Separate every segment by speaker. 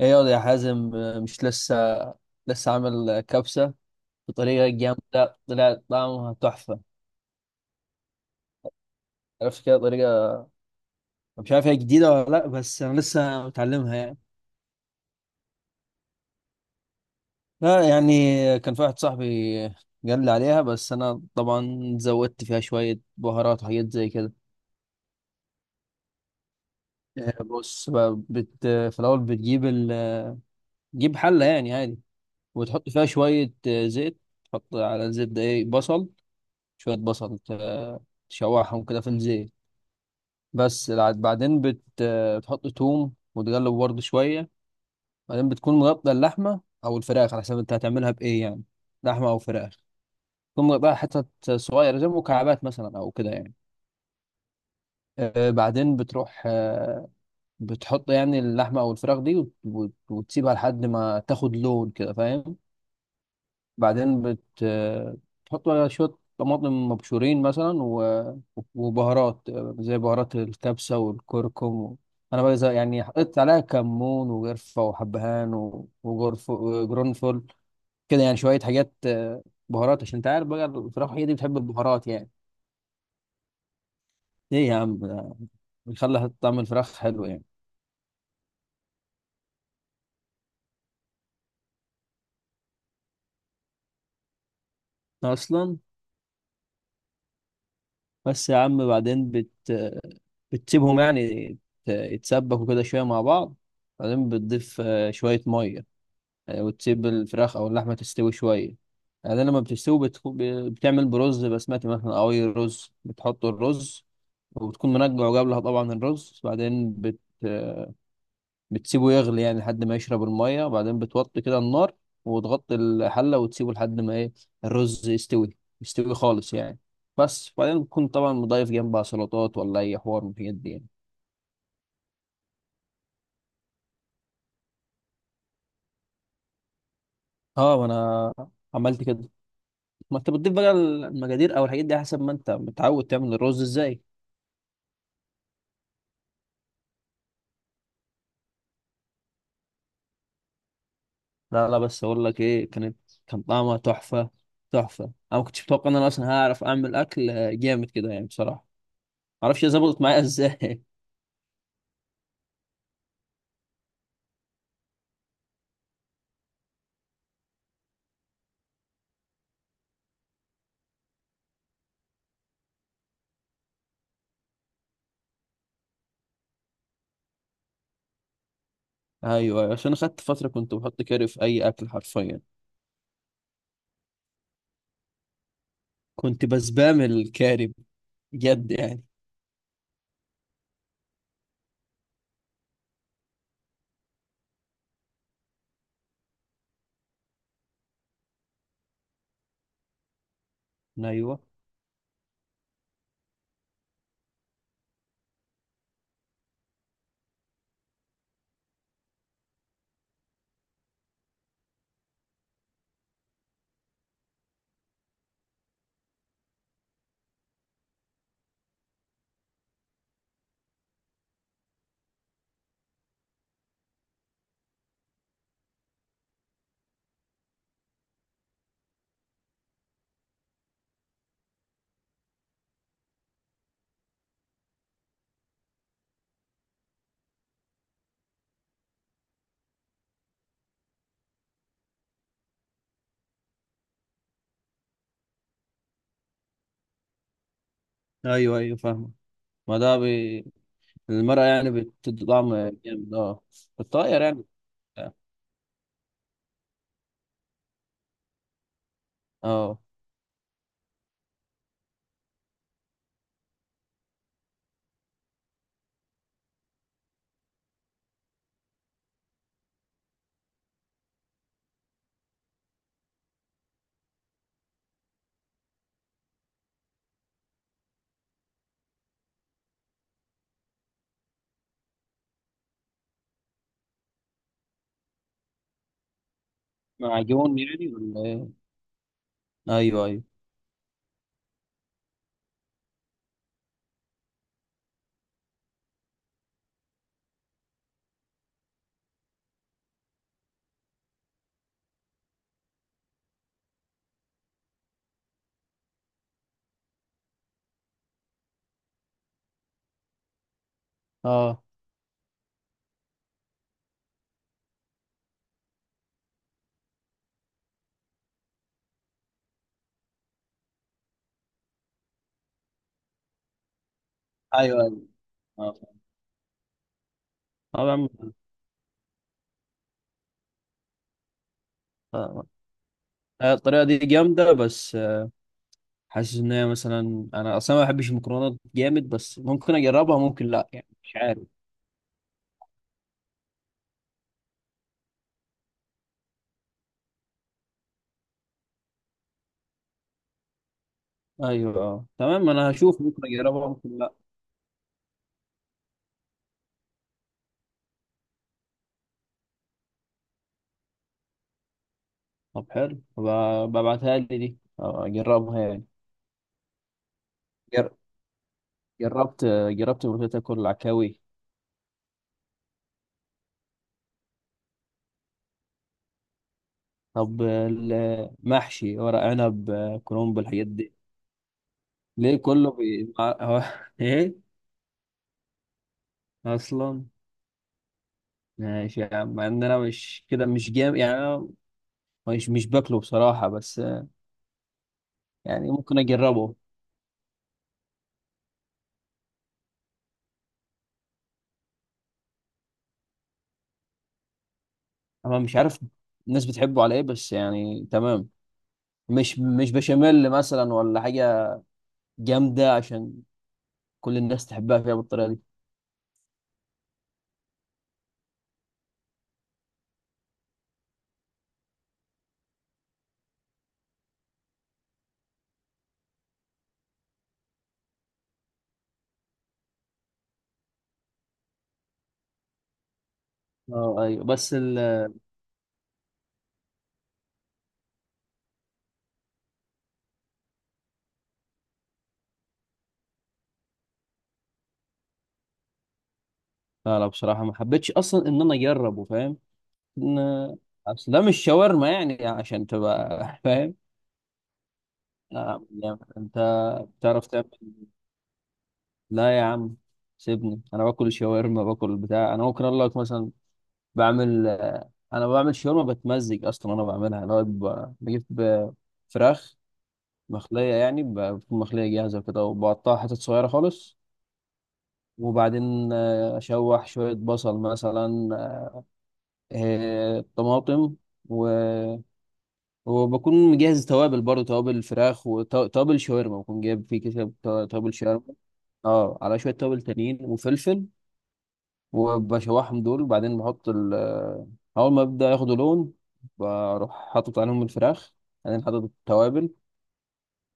Speaker 1: ايه ياض يا حازم، مش لسه، لسه عامل كبسة بطريقة جامدة. طلعت طعمها تحفة. عرفت كده طريقة. مش عارف هي جديدة ولا لا، بس انا لسه متعلمها يعني. لا يعني، كان في واحد صاحبي قال لي عليها، بس انا طبعا زودت فيها شوية بهارات وحاجات زي كده. بص بقى، في الاول بتجيب تجيب حلة يعني عادي، وتحط فيها شوية زيت. تحط على الزيت ده ايه؟ بصل. شوية بصل. تشوحهم كده في الزيت. بس بتحط توم وتقلب برضه شوية. بعدين بتكون مغطى اللحمة أو الفراخ، على حسب أنت هتعملها بإيه يعني، لحمة أو فراخ. تكون مغطاها حتت صغيرة زي مكعبات مثلا أو كده يعني. بعدين بتروح، بتحط يعني اللحمة أو الفراخ دي وتسيبها لحد ما تاخد لون كده، فاهم؟ بعدين بتحط بقى شوية طماطم مبشورين مثلا وبهارات، زي بهارات الكبسة والكركم. أنا بقى يعني حطيت عليها كمون وقرفة وحبهان وجرف وجرنفل، كده يعني شوية حاجات. بهارات، عشان أنت عارف بقى الفراخ هي دي بتحب البهارات يعني. إيه يا عم، ده بيخلي طعم الفراخ حلو يعني أصلا. بس يا عم، بعدين بتسيبهم يعني يتسبكوا كده شوية مع بعض. بعدين بتضيف شوية مية، وتسيب الفراخ أو اللحمة تستوي شوية. بعدين لما بتستوي بتعمل برز بسمتي مثلا أو أي رز. بتحط الرز، وبتكون منقع قبلها طبعا الرز. بعدين بتسيبه يغلي يعني لحد ما يشرب المية، وبعدين بتوطي كده النار وتغطي الحلة وتسيبه لحد ما ايه، الرز يستوي، يستوي خالص يعني، بس. وبعدين بتكون طبعا مضيف جنبها سلطات ولا اي حوار من الحاجات دي يعني. اه، ما انا عملت كده. ما انت بتضيف بقى المجادير او الحاجات دي حسب ما انت متعود تعمل الرز ازاي. لا لا، بس اقول لك ايه، كانت، كان طعمها تحفة، تحفة. انا ما كنتش متوقع ان انا اصلا هعرف اعمل اكل جامد كده يعني، بصراحة. معرفش هي ظبطت معايا ازاي. ايوه، أيوة. عشان خدت فتره كنت بحط كاري في اي اكل حرفيا، كنت بسبام الكاري، بجد يعني. ايوه، ايوه ايوه فاهمه. ما ده بي... المرقه يعني بتدي طعم جامد، اه. بتطير يعني، اه. معجون يعني ولا ايه؟ ايوه ايوه، اه ايوه ايوه، اه طبعا. يا عم آه، الطريقه دي جامده، بس. حاسس ان هي مثلا، انا اصلا ما بحبش المكرونات جامد، بس ممكن اجربها ممكن لا يعني، مش عارف. ايوه، اه تمام. انا هشوف، ممكن اجربها ممكن لا. طب حلو، ببعتها لي دي، اجربها يعني. جر- جربت ملوخية اكل العكاوي. طب المحشي، ورق عنب، كرنب، الحاجات دي. ليه كله هو ايه؟ اصلا. ماشي يا عم، مع ان انا مش كده، مش جام يعني. انا مش باكله بصراحة، بس يعني ممكن اجربه. انا مش عارف الناس بتحبه على ايه، بس يعني تمام. مش بشاميل مثلا ولا حاجة جامدة عشان كل الناس تحبها، فيها بالطريقة دي، اه. ايوه بس. لا لا، بصراحة ما حبيتش أصلا إن أنا أجربه، فاهم؟ إن أصل ده مش شاورما يعني عشان تبقى فاهم. لا، يعني أنت بتعرف تعمل؟ لا يا عم، سيبني. أنا باكل شاورما، باكل بتاع. أنا ممكن أقول لك مثلا بعمل. أنا بعمل شاورما بتمزج أصلا. أنا بعملها اللي هو فراخ مخلية يعني، بتكون مخلية جاهزة كده، وبقطعها حتت صغيرة خالص. وبعدين أشوح شوية بصل مثلا، طماطم، و وبكون مجهز توابل برضه، توابل فراخ وتوابل شاورما، بكون جايب في كده توابل شاورما. اه، على شويه توابل تانيين وفلفل. وبشوحهم دول، وبعدين بحط اول ما ببدأ ياخدوا لون بروح حاطط عليهم الفراخ، بعدين حاطط التوابل.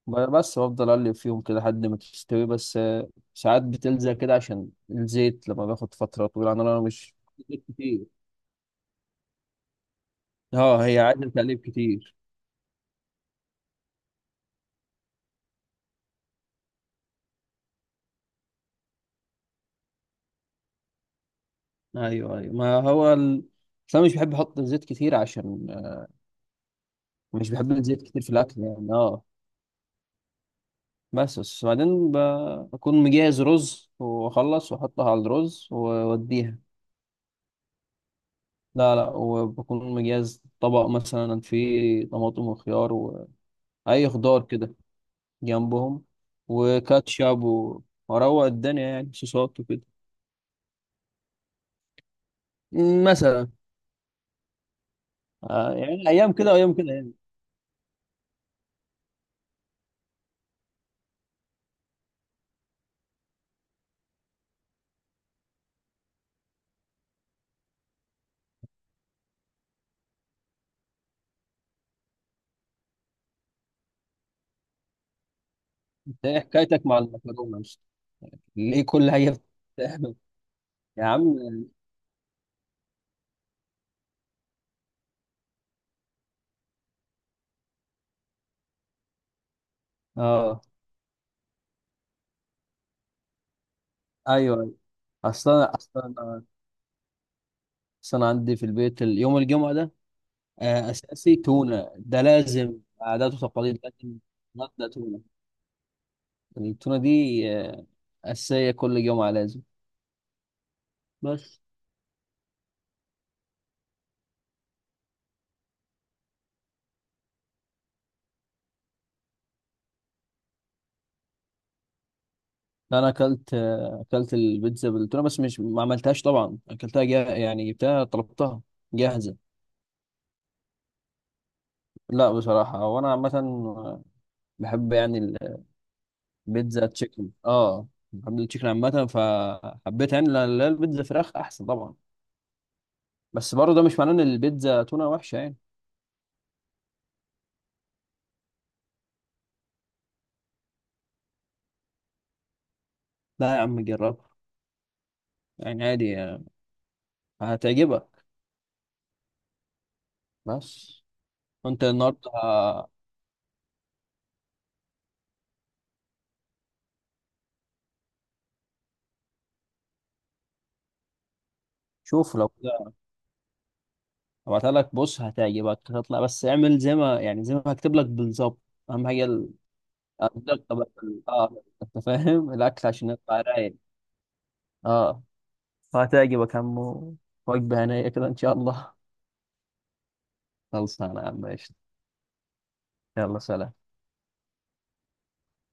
Speaker 1: بس بفضل اقلب فيهم كده لحد ما تستوي، بس ساعات بتلزق كده عشان الزيت لما باخد فتره طويله، عن انا مش، زيت كتير. اه، هي عايزه تقليب كتير. ايوه ايوه، ما هو ال... بس انا مش بحب احط زيت كتير، عشان مش بحب الزيت كتير في الاكل يعني، اه. بس بعدين بكون مجهز رز واخلص واحطها على الرز واوديها. لا لا، وبكون مجهز طبق مثلا فيه طماطم وخيار واي خضار كده جنبهم، وكاتشب واروق الدنيا يعني، صوصات وكده مثلا. يعني ايام كده وايام كده يعني. انت ايه حكايتك مع المكرونه؟ مش ليه كل حاجه بتعمل يا عم؟ اه، ايوه، اصلا اصلا. بس انا عندي في البيت يوم الجمعه ده اساسي تونه، ده لازم، عادات وتقاليد لازم. نبدا تونه. التونه دي آه، اساسيه، كل جمعه لازم. بس انا اكلت البيتزا بالتونه، بس مش، ما عملتهاش طبعا، اكلتها يعني جبتها، طلبتها جاهزه. لا بصراحه، وانا عامه بحب يعني البيتزا تشيكن، اه، بحب التشيكن عامه فحبيت يعني. لا لا، البيتزا فراخ احسن طبعا، بس برضه ده مش معناه ان البيتزا تونه وحشه يعني. لا يا عم، جرب يعني عادي هتعجبك، بس. انت النهارده، شوف لو كده هبعتها لك. بص هتعجبك، هتطلع، بس اعمل زي ما يعني، زي ما هكتب لك بالظبط. اهم حاجه الدقه، بقى في اه انت فاهم الاكل عشان يطلع رايق، اه. فهتعجبك يا عم. وجبه هنيه كده ان شاء الله. خلصانه يا عم، قشطة. يلا سلام.